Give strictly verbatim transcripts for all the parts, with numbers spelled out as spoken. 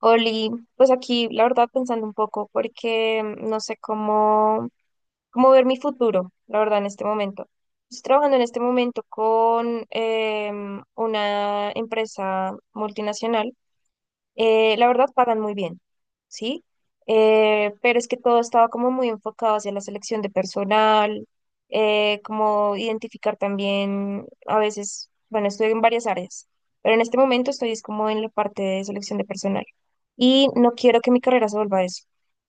Oli, pues aquí la verdad pensando un poco porque mm, no sé cómo, cómo ver mi futuro, la verdad, en este momento. Estoy trabajando en este momento con em, una empresa multinacional, eh, la verdad pagan muy bien, ¿sí? Eh, pero es que todo estaba como muy enfocado hacia la selección de personal, eh, como identificar también, a veces, bueno, estoy en varias áreas, pero en este momento estoy es como en la parte de selección de personal y no quiero que mi carrera se vuelva a eso.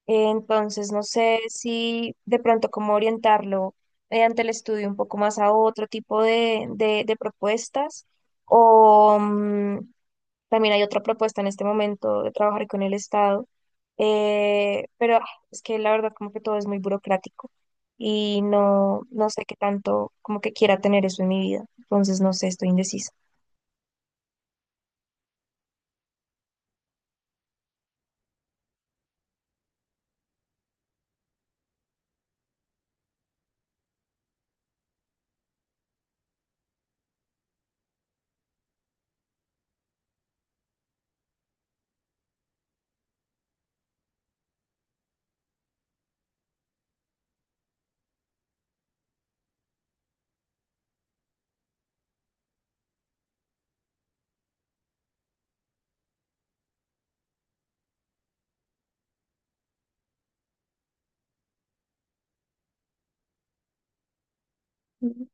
Eh, entonces, no sé si de pronto cómo orientarlo mediante el estudio un poco más a otro tipo de, de de propuestas o... mm, también hay otra propuesta en este momento de trabajar con el Estado, eh, pero ah, es que la verdad como que todo es muy burocrático y no, no sé qué tanto como que quiera tener eso en mi vida, entonces no sé, estoy indecisa. Ujú.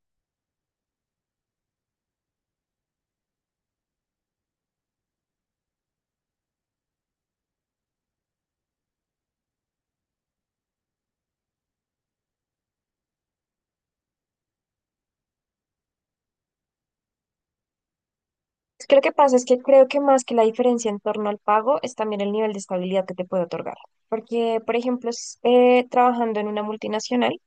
Es que lo que pasa es que creo que más que la diferencia en torno al pago es también el nivel de estabilidad que te puede otorgar, porque por ejemplo, s- eh, trabajando en una multinacional.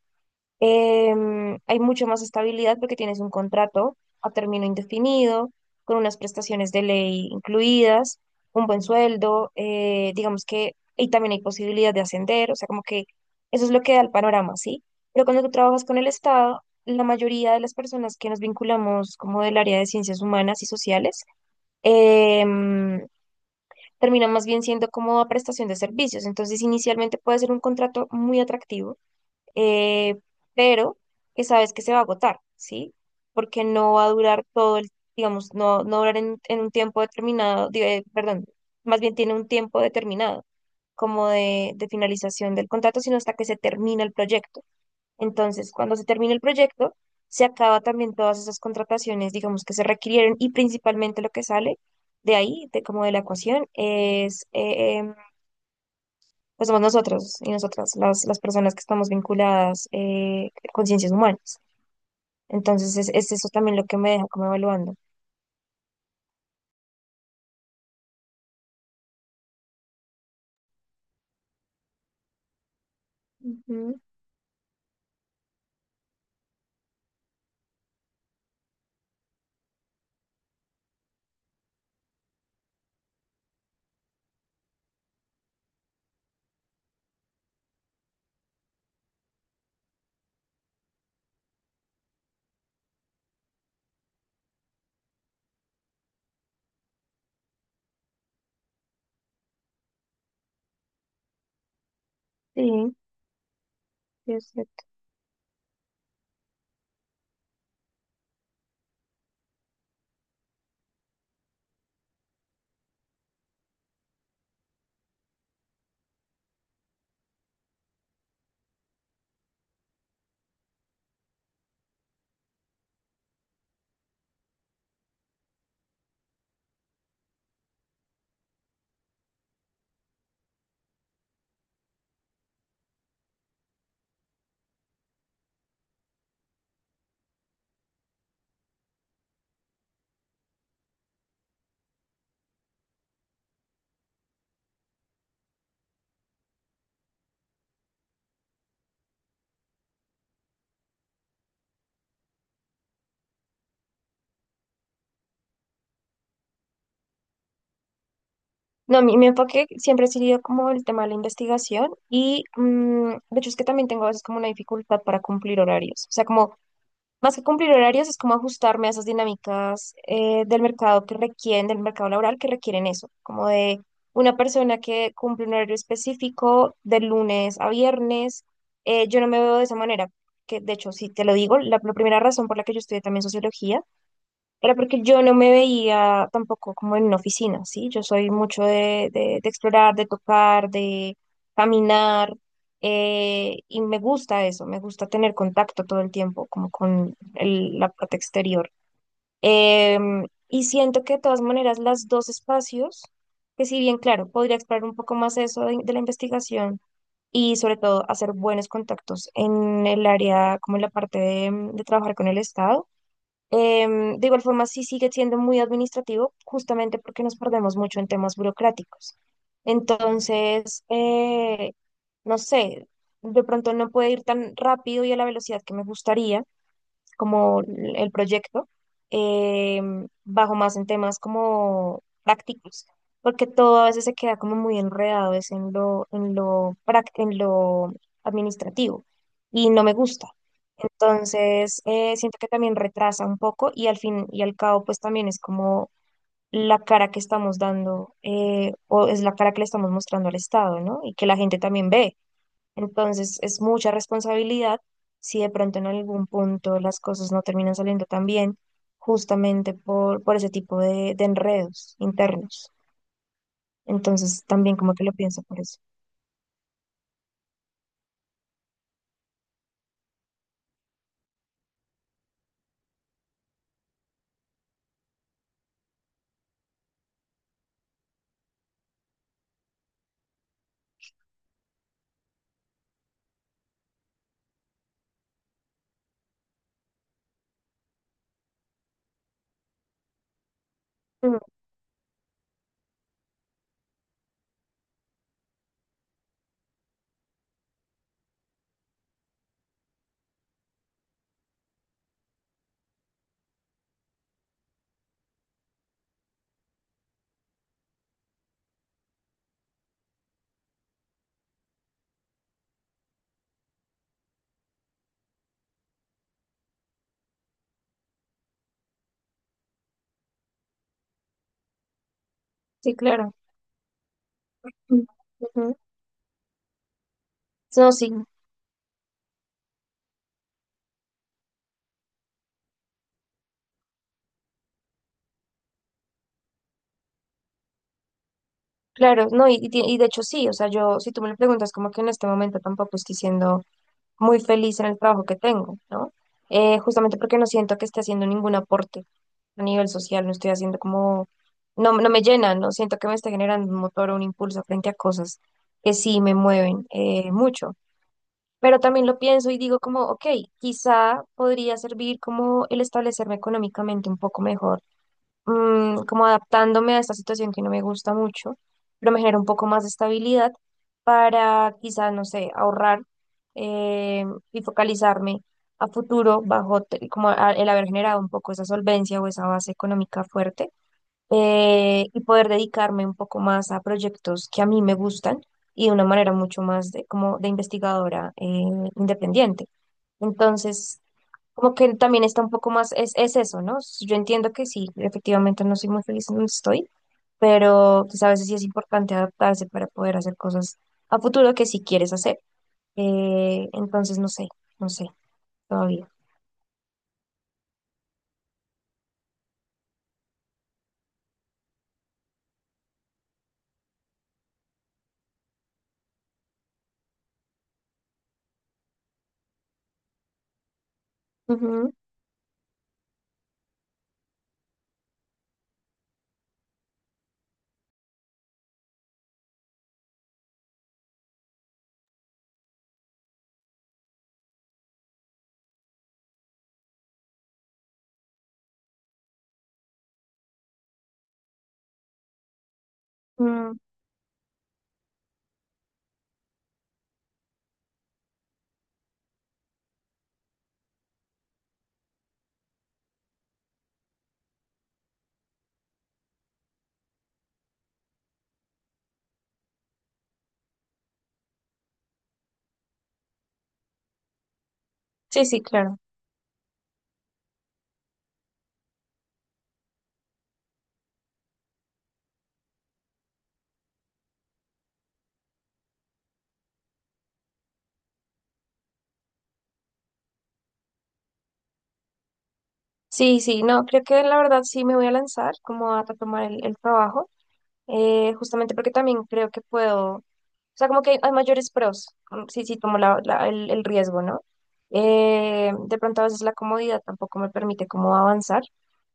Em, hay mucha más estabilidad porque tienes un contrato a término indefinido, con unas prestaciones de ley incluidas, un buen sueldo, eh, digamos que, y también hay posibilidad de ascender, o sea, como que eso es lo que da el panorama, ¿sí? Pero cuando tú trabajas con el Estado, la mayoría de las personas que nos vinculamos como del área de ciencias humanas y sociales, em, terminan más bien siendo como a prestación de servicios. Entonces, inicialmente puede ser un contrato muy atractivo, eh, pero que sabes que se va a agotar, ¿sí? Porque no va a durar todo el, digamos, no, no durar en, en un tiempo determinado, di- eh, perdón, más bien tiene un tiempo determinado como de, de finalización del contrato, sino hasta que se termina el proyecto. Entonces, cuando se termina el proyecto, se acaba también todas esas contrataciones, digamos, que se requirieron y principalmente lo que sale de ahí, de como de la ecuación, es eh, pues somos nosotros y nosotras, las, las personas que estamos vinculadas eh, con ciencias humanas. Entonces, es, es eso también lo que me deja como evaluando. Ujú. Sí, sí, es cierto. No, mi, mi enfoque siempre ha sido como el tema de la investigación y mm, de hecho es que también tengo a veces como una dificultad para cumplir horarios. O sea, como más que cumplir horarios, es como ajustarme a esas dinámicas eh, del mercado que requieren, del mercado laboral que requieren eso, como de una persona que cumple un horario específico de lunes a viernes. Eh, yo no me veo de esa manera, que de hecho, si te lo digo, la, la primera razón por la que yo estudié también sociología era porque yo no me veía tampoco como en una oficina, ¿sí? Yo soy mucho de, de- de explorar, de tocar, de caminar, eh, y me gusta eso, me gusta tener contacto todo el tiempo, como con el- la parte exterior. Em, y siento que de todas maneras las dos espacios, que si bien, claro, podría explorar un poco más eso de, de la investigación y sobre todo hacer buenos contactos en el área, como en la parte de de trabajar con el Estado. Em, de igual forma, sí sigue siendo muy administrativo, justamente porque nos perdemos mucho en temas burocráticos. Entonces, eh, no sé, de pronto no puede ir tan rápido y a la velocidad que me gustaría, como el proyecto, eh, bajo más en temas como prácticos, porque todo a veces se queda como muy enredado, es en lo, en lo, prac- en lo administrativo, y no me gusta. Entonces, eh, siento que también retrasa un poco y al fin y al cabo, pues también es como la cara que estamos dando, eh, o es la cara que le estamos mostrando al Estado, ¿no? Y que la gente también ve. Entonces es mucha responsabilidad si de pronto en algún punto las cosas no terminan saliendo tan bien, justamente por, por ese tipo de, de enredos internos. Entonces también como que lo pienso por eso. Mm, sí, claro. Mm, ujú. No, sí, claro, no, y, y ti- y de hecho sí, o sea, yo, si tú me lo preguntas, como que en este momento tampoco estoy siendo muy feliz en el trabajo que tengo, ¿no? Eh, justamente porque no siento que esté haciendo ningún aporte a nivel social, no estoy haciendo como, no, no me llena, no siento que me esté generando un motor o un impulso frente a cosas que sí me mueven eh, mucho. Pero también lo pienso y digo como, ok, quizá podría servir como el establecerme económicamente un poco mejor, mm, como adaptándome a esta situación que no me gusta mucho, pero me genera un poco más de estabilidad para quizá, no sé, ahorrar, eh, y focalizarme a futuro bajo te- como a- el haber generado un poco esa solvencia o esa base económica fuerte, eh, y poder dedicarme un poco más a proyectos que a mí me gustan y de una manera mucho más de, como de investigadora eh, independiente. Entonces, como que también está un poco más, es, es eso, ¿no? Yo entiendo que sí, efectivamente no soy muy feliz en donde estoy, pero pues a veces sí es importante adaptarse para poder hacer cosas a futuro que sí quieres hacer. Eh, entonces, no sé, no sé, todavía. Ujú, mm, sí, sí, claro. Sí, sí, no, creo que la verdad sí me voy a lanzar como a retomar el, el trabajo. Eh, justamente porque también creo que puedo, o sea, como que hay, hay mayores pros, mm, sí, sí, tomo la- la- el, el riesgo, ¿no? Eh, de pronto a veces la comodidad tampoco me permite como avanzar,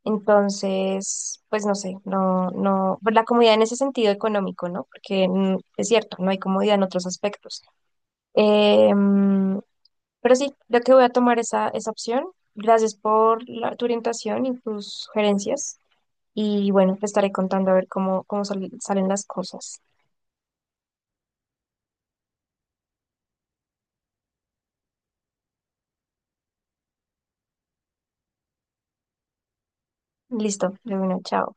entonces, pues no sé, no, no, pues, la comodidad en ese sentido económico, ¿no? Porque mm, es cierto, no hay comodidad en otros aspectos. Eh, mm, pero sí, creo que voy a tomar esa, esa opción. Gracias por la- tu orientación y tus sugerencias. Y bueno, te estaré contando a ver cómo, cómo sal- salen las cosas. Listo, de una, chao.